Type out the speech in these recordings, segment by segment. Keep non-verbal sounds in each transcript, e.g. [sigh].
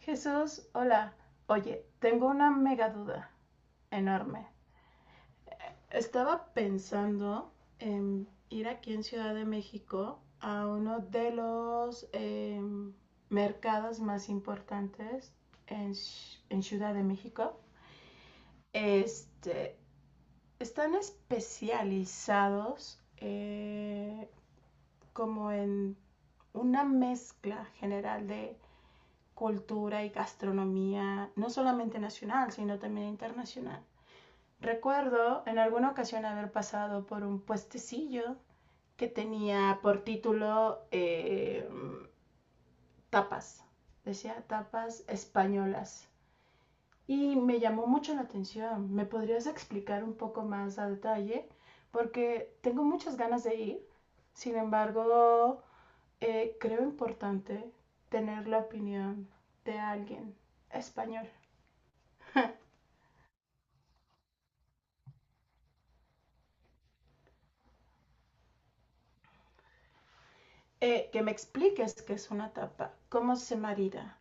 Jesús, hola. Oye, tengo una mega duda enorme. Estaba pensando en ir aquí en Ciudad de México a uno de los mercados más importantes en, en Ciudad de México. Este, están especializados como en una mezcla general de cultura y gastronomía, no solamente nacional, sino también internacional. Recuerdo en alguna ocasión haber pasado por un puestecillo que tenía por título tapas, decía tapas españolas. Y me llamó mucho la atención. ¿Me podrías explicar un poco más a detalle? Porque tengo muchas ganas de ir. Sin embargo, creo importante tener la opinión de alguien español. Que me expliques qué es una tapa, cómo se marida.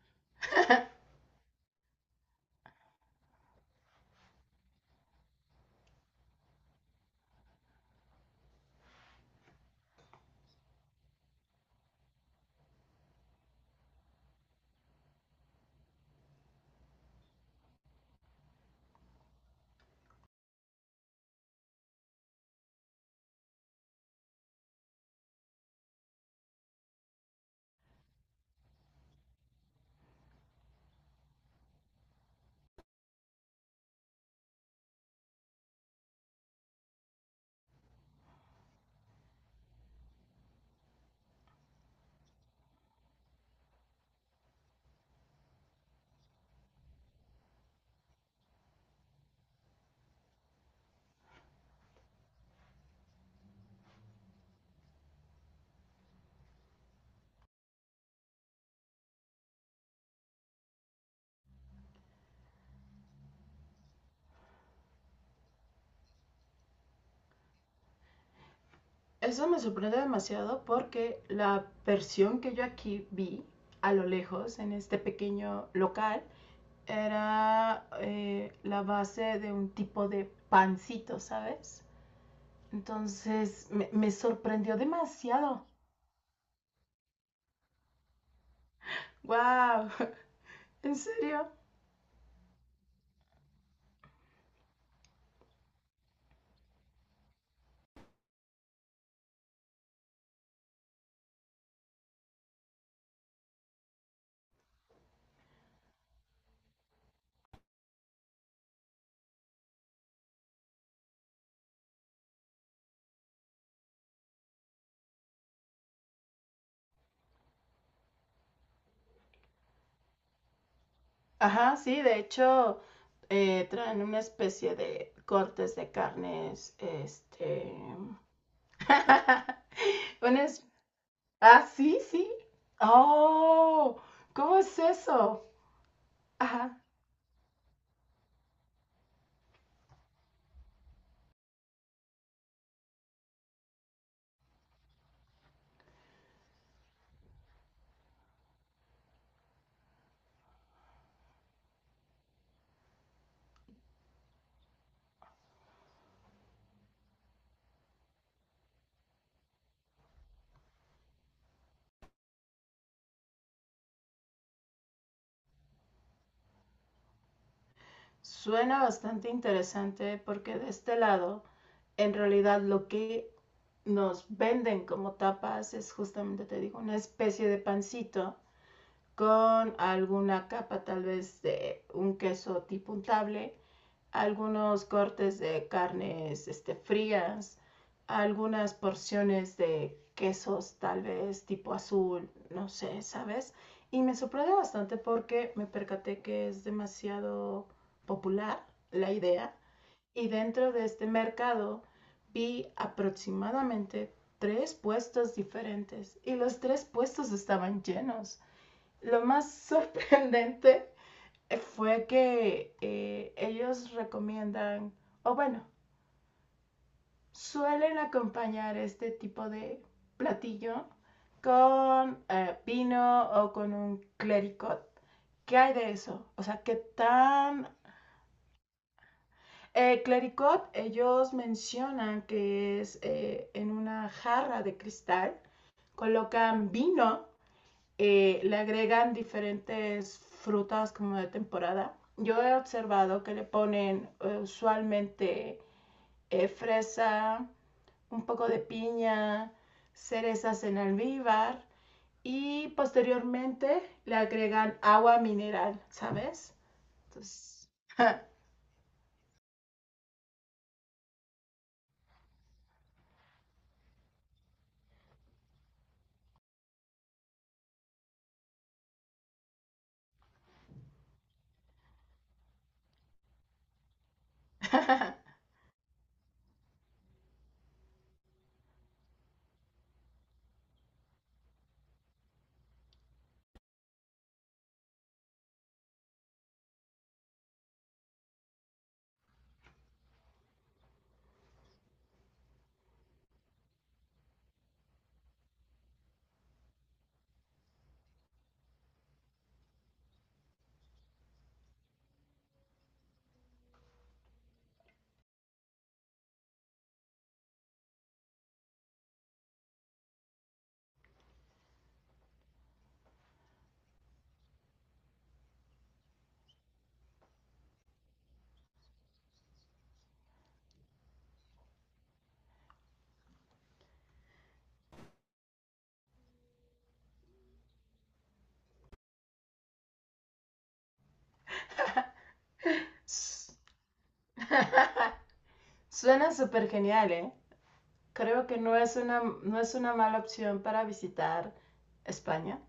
Eso me sorprende demasiado porque la versión que yo aquí vi a lo lejos en este pequeño local era la base de un tipo de pancito, ¿sabes? Me sorprendió demasiado. ¡Wow! [laughs] ¿En serio? Ajá, sí, de hecho traen una especie de cortes de carnes, [laughs] una es- Ah, sí, sí. Oh, ¿cómo es eso? Ajá. Suena bastante interesante porque de este lado, en realidad lo que nos venden como tapas es justamente, te digo, una especie de pancito con alguna capa tal vez de un queso tipo untable, algunos cortes de carnes, frías, algunas porciones de quesos tal vez tipo azul, no sé, ¿sabes? Y me sorprende bastante porque me percaté que es demasiado popular la idea. Y dentro de este mercado vi aproximadamente tres puestos diferentes y los tres puestos estaban llenos. Lo más [laughs] sorprendente fue que ellos recomiendan, o bueno, suelen acompañar este tipo de platillo con vino o con un clericot. ¿Qué hay de eso? O sea, ¿qué tan... clericot, ellos mencionan que es en una jarra de cristal, colocan vino, le agregan diferentes frutas como de temporada. Yo he observado que le ponen usualmente fresa, un poco de piña, cerezas en almíbar y posteriormente le agregan agua mineral, ¿sabes? Entonces, [laughs] suena súper genial, ¿eh? Creo que no es una mala opción para visitar España.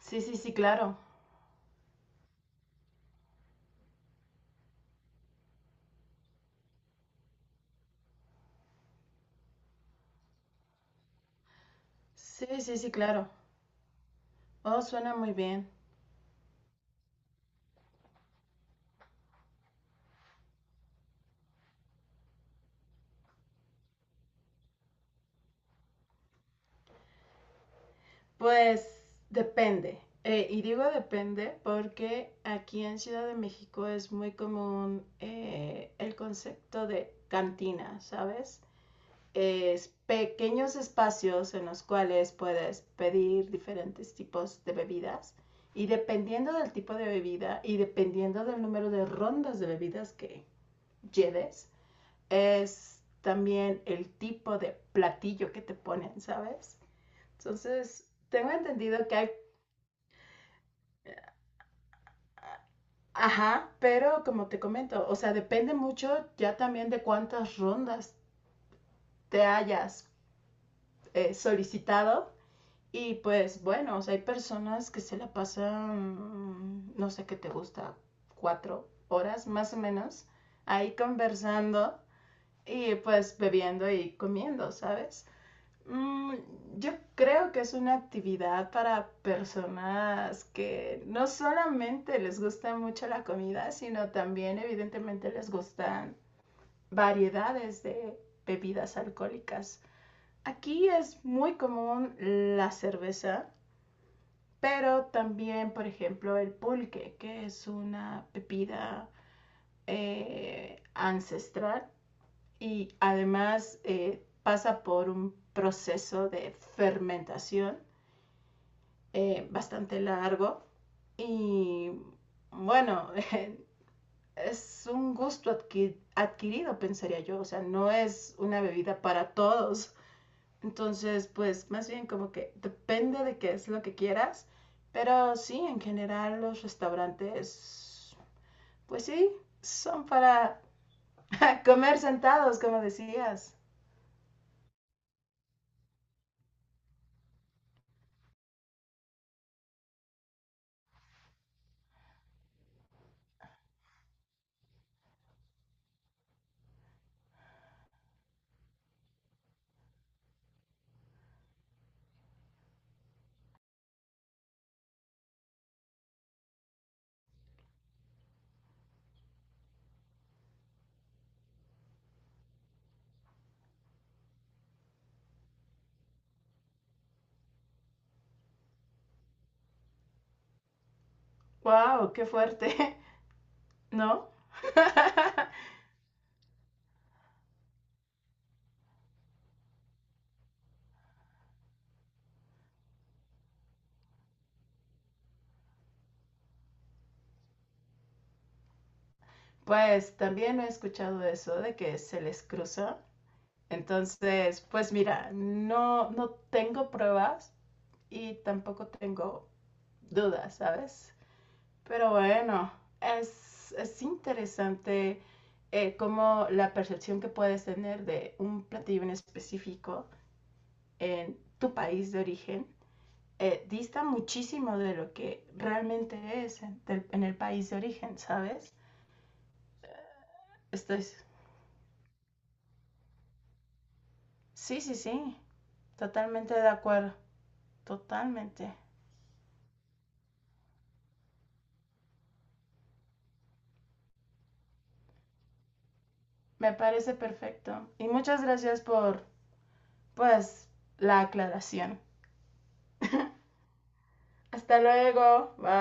Sí, sí, sí, claro. Sí, sí, sí, claro. Oh, suena muy bien. Pues depende. Y digo depende porque aquí en Ciudad de México es muy común el concepto de cantina, ¿sabes? Es pequeños espacios en los cuales puedes pedir diferentes tipos de bebidas y dependiendo del tipo de bebida y dependiendo del número de rondas de bebidas que lleves, es también el tipo de platillo que te ponen, ¿sabes? Entonces, tengo entendido que hay... Ajá, pero como te comento, o sea, depende mucho ya también de cuántas rondas te hayas solicitado. Y pues bueno, o sea, hay personas que se la pasan, no sé qué te gusta, 4 horas más o menos, ahí conversando y pues bebiendo y comiendo, ¿sabes? Mm, yo creo que es una actividad para personas que no solamente les gusta mucho la comida, sino también evidentemente les gustan variedades de bebidas alcohólicas. Aquí es muy común la cerveza, pero también, por ejemplo, el pulque, que es una bebida ancestral y además pasa por un proceso de fermentación bastante largo y bueno, [laughs] es un gusto adquirido, pensaría yo, o sea, no es una bebida para todos. Entonces, pues más bien como que depende de qué es lo que quieras, pero sí, en general los restaurantes, pues sí, son para [laughs] comer sentados, como decías. ¡Wow! ¡Qué fuerte! [laughs] ¿No? [laughs] Pues también he escuchado eso de que se les cruza. Entonces, pues mira, no, no tengo pruebas y tampoco tengo dudas, ¿sabes? Pero bueno, es interesante cómo la percepción que puedes tener de un platillo en específico en tu país de origen dista muchísimo de lo que realmente es en el país de origen, ¿sabes? Estoy... Sí, sí, sí. Totalmente de acuerdo, totalmente. Me parece perfecto. Y muchas gracias por, pues, la aclaración. Hasta luego, bye.